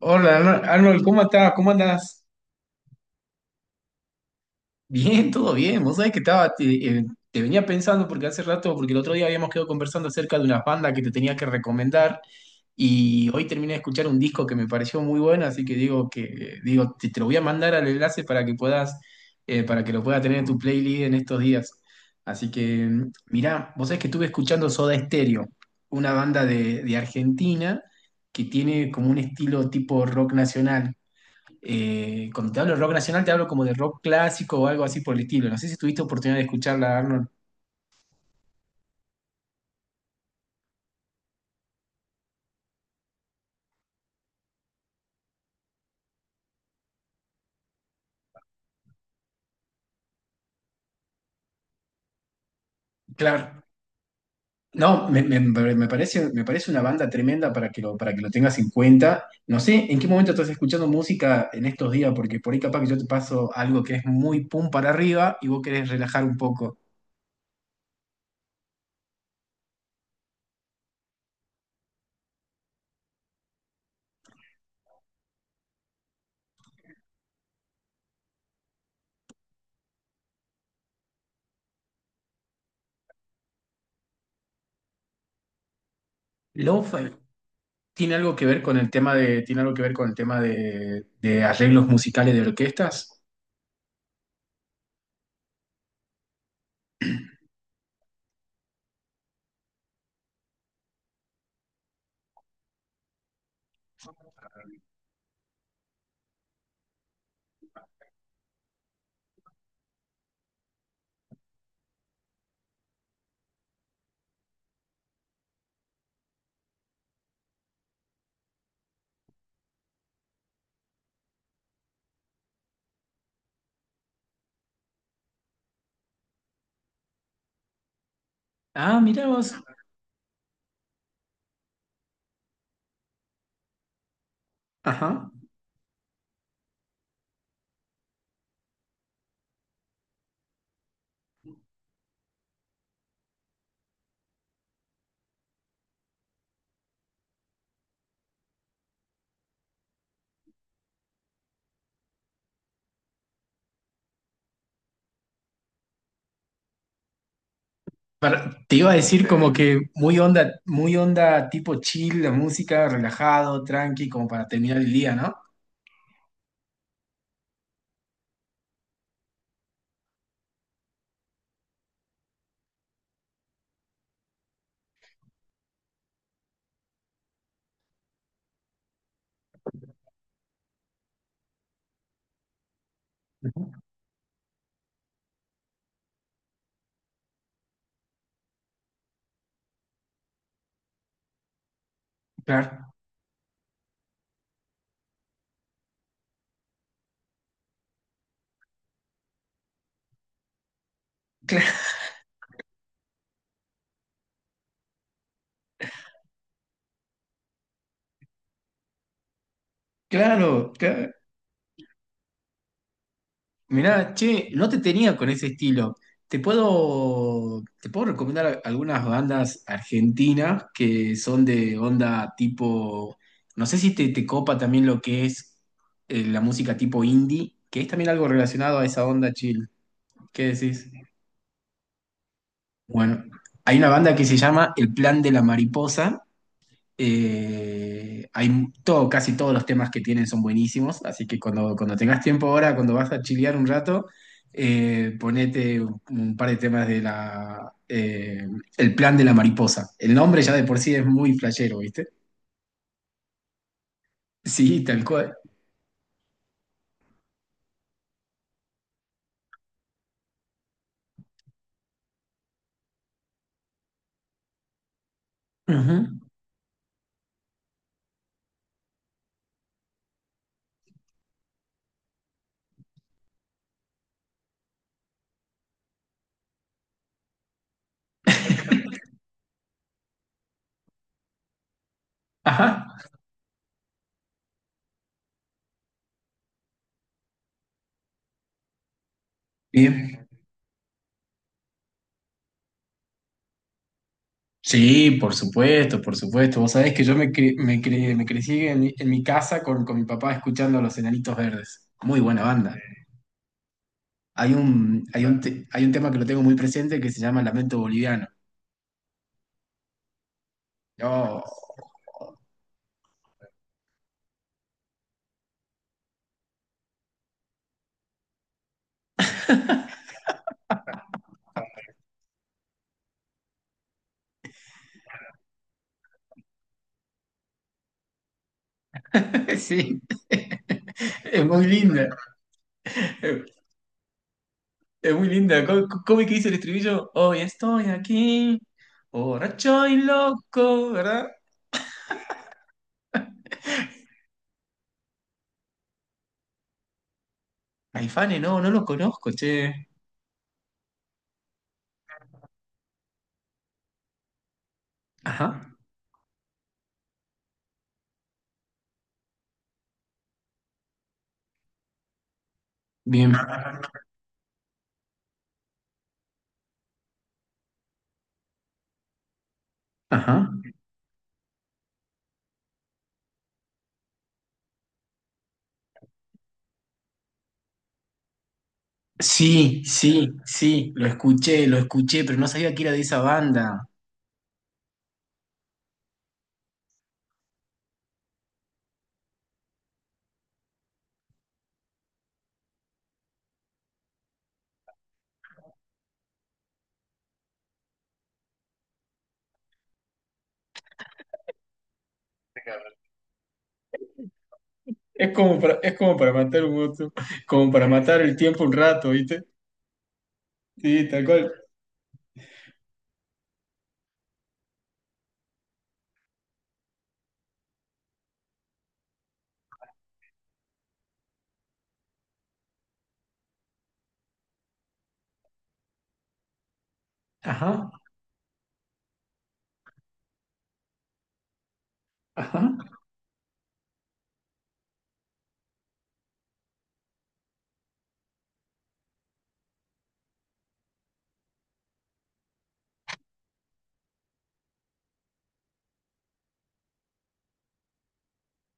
Hola, Arnold, ¿cómo estás? ¿Cómo andás? Bien, todo bien. Vos sabés que eh, te venía pensando porque hace rato, porque el otro día habíamos quedado conversando acerca de una banda que te tenía que recomendar, y hoy terminé de escuchar un disco que me pareció muy bueno, así que te lo voy a mandar al enlace para que para que lo puedas tener en tu playlist en estos días. Así que mirá, vos sabés que estuve escuchando Soda Stereo, una banda de Argentina que tiene como un estilo tipo rock nacional. Cuando te hablo de rock nacional, te hablo como de rock clásico o algo así por el estilo. No sé si tuviste oportunidad de escucharla, Arnold. Claro. No, me- Me parece, me parece una banda tremenda para para que lo tengas en cuenta. No sé en qué momento estás escuchando música en estos días, porque por ahí capaz que yo te paso algo que es muy pum para arriba y vos querés relajar un poco. Lo-fi tiene algo que ver con el tema tiene algo que ver con el tema de arreglos musicales de orquestas. Ah, mirá vos. Ajá. Te iba a decir como, que muy onda tipo chill, la música, relajado, tranqui, como para terminar el día, ¿no? Claro, claro, claro, claro. Mirá, che, no te tenía con ese estilo. Te puedo recomendar algunas bandas argentinas que son de onda tipo, no sé si te, te copa también lo que es la música tipo indie, que es también algo relacionado a esa onda chill. ¿Qué decís? Bueno, hay una banda que se llama El Plan de la Mariposa. Hay todo, casi todos los temas que tienen son buenísimos, así que cuando tengas tiempo ahora, cuando vas a chilear un rato, ponete un par de temas de la El Plan de la Mariposa. El nombre ya de por sí es muy flashero, ¿viste? Sí, tal cual. Ujú. Ajá. Bien. Sí, por supuesto, por supuesto. Vos sabés que yo me, cre- me, cre- me crecí en en mi casa con mi papá escuchando a los Enanitos Verdes. Muy buena banda. Hay un tema que lo tengo muy presente que se llama Lamento Boliviano. Oh, sí, es muy linda. Es muy linda. ¿¿ ¿Cómo es que dice el estribillo? Hoy estoy aquí, borracho y loco, ¿verdad? Aifane, no, no lo conozco, che. Ajá, bien. Ajá. Sí, sí, sí, lo escuché, pero no sabía que era de esa banda. Es como para matar un otro, como para matar el tiempo un rato, ¿viste? Sí, tal cual. Ajá, ajá.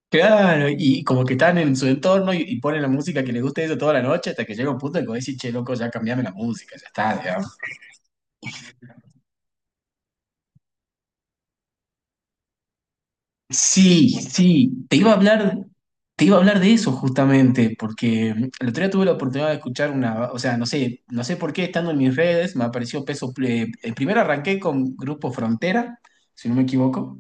Claro, y como que están en su entorno y ponen la música que les gusta eso toda la noche hasta que llega un punto en que vos decís, che, loco, ya cambiame la música, ya está. Sí, sí, te iba a hablar de eso justamente, porque el otro día tuve la oportunidad de escuchar una, o sea, no sé, no sé por qué estando en mis redes me apareció primero arranqué con Grupo Frontera, si no me equivoco,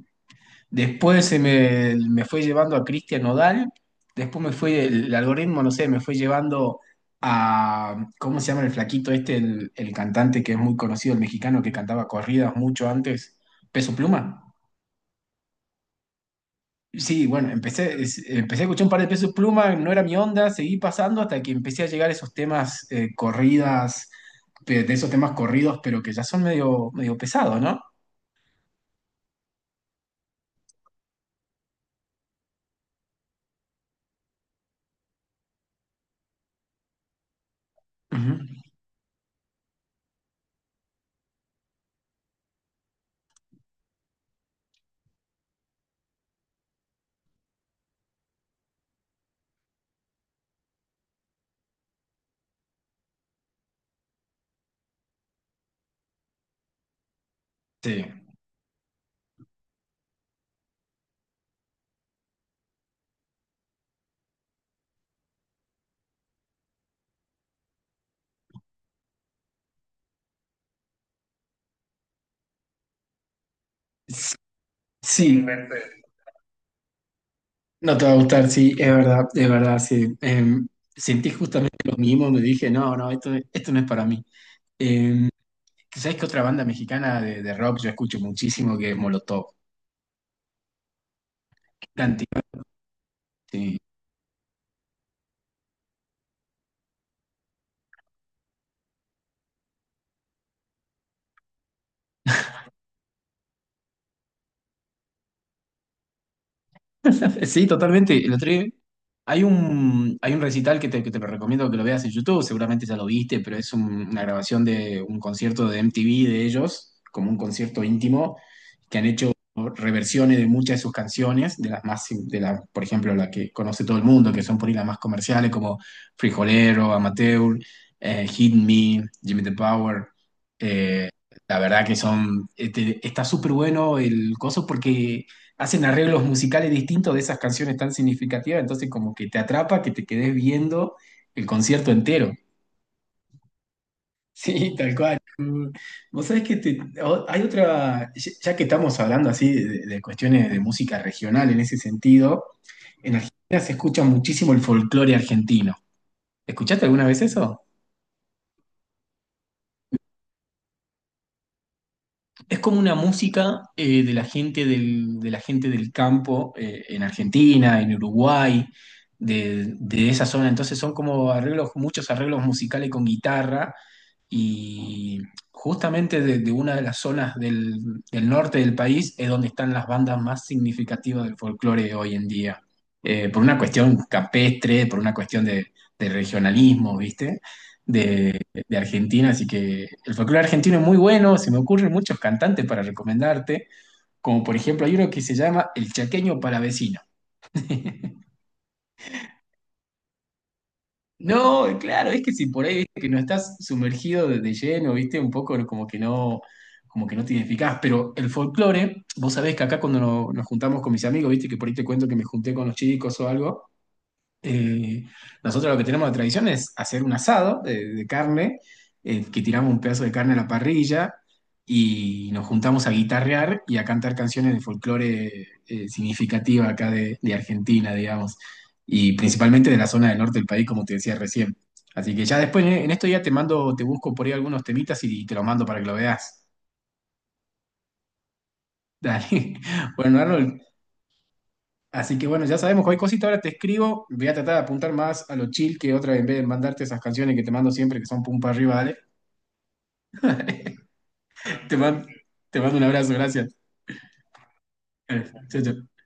después me fue llevando a Cristian Nodal, después me fue, el algoritmo, no sé, me fue llevando a, ¿cómo se llama el flaquito este, el cantante que es muy conocido, el mexicano que cantaba corridas mucho antes, Peso Pluma? Sí, bueno, empecé a escuchar un par de pesos Pluma, no era mi onda, seguí pasando hasta que empecé a llegar a esos temas corridas, de esos temas corridos, pero que ya son medio, medio pesados, ¿no? Ujú. Sí. S- Sí, no te va a gustar, sí, es verdad, sí. Sentí justamente lo mismo, me dije, no, no, esto no es para mí. Em, ¿Sabes qué otra banda mexicana de rock yo escucho muchísimo que es Molotov? Cantidad, sí. Sí, totalmente. El otro día hay un recital que te lo recomiendo que lo veas en YouTube, seguramente ya lo viste, pero es una grabación de un concierto de MTV de ellos, como un concierto íntimo, que han hecho reversiones de muchas de sus canciones, de las más, de la, por ejemplo, la que conoce todo el mundo, que son por ahí las más comerciales, como Frijolero, Amateur, Hit Me, Jimmy the Power. eh, la verdad que son, este, está súper bueno el coso porque hacen arreglos musicales distintos de esas canciones tan significativas, entonces como que te atrapa que te quedes viendo el concierto entero. Sí, tal cual. Vos sabés que hay otra, ya que estamos hablando así de cuestiones de música regional en ese sentido, en Argentina se escucha muchísimo el folclore argentino. ¿Escuchaste alguna vez eso? Es como una música de la gente de la gente del campo en Argentina, en Uruguay, de esa zona. Entonces son como arreglos, muchos arreglos musicales con guitarra y justamente de una de las zonas del norte del país es donde están las bandas más significativas del folclore hoy en día. Por una cuestión capestre, por una cuestión de regionalismo, ¿viste? De Argentina, así que el folclore argentino es muy bueno, se me ocurren muchos cantantes para recomendarte, como por ejemplo hay uno que se llama El Chaqueño Palavecino. No, claro, es que si por ahí viste, que no estás sumergido de lleno, viste, un poco como que no te identificás, pero el folclore, vos sabés que acá cuando nos juntamos con mis amigos, viste, que por ahí te cuento que me junté con los chicos o algo. Eh, Nosotros lo que tenemos de tradición es hacer un asado de carne, que tiramos un pedazo de carne a la parrilla y nos juntamos a guitarrear y a cantar canciones de folclore significativa acá de Argentina, digamos, y principalmente de la zona del norte del país, como te decía recién. Así que ya después, en esto ya te mando, te busco por ahí algunos temitas y te los mando para que lo veas. Dale. Bueno, Arnold, así que bueno, ya sabemos, cualquier cosita ahora te escribo, voy a tratar de apuntar más a lo chill que otra vez en vez de mandarte esas canciones que te mando siempre que son pum para arriba, dale. Te mando, te mando un abrazo, gracias. Eh, Chau, chau.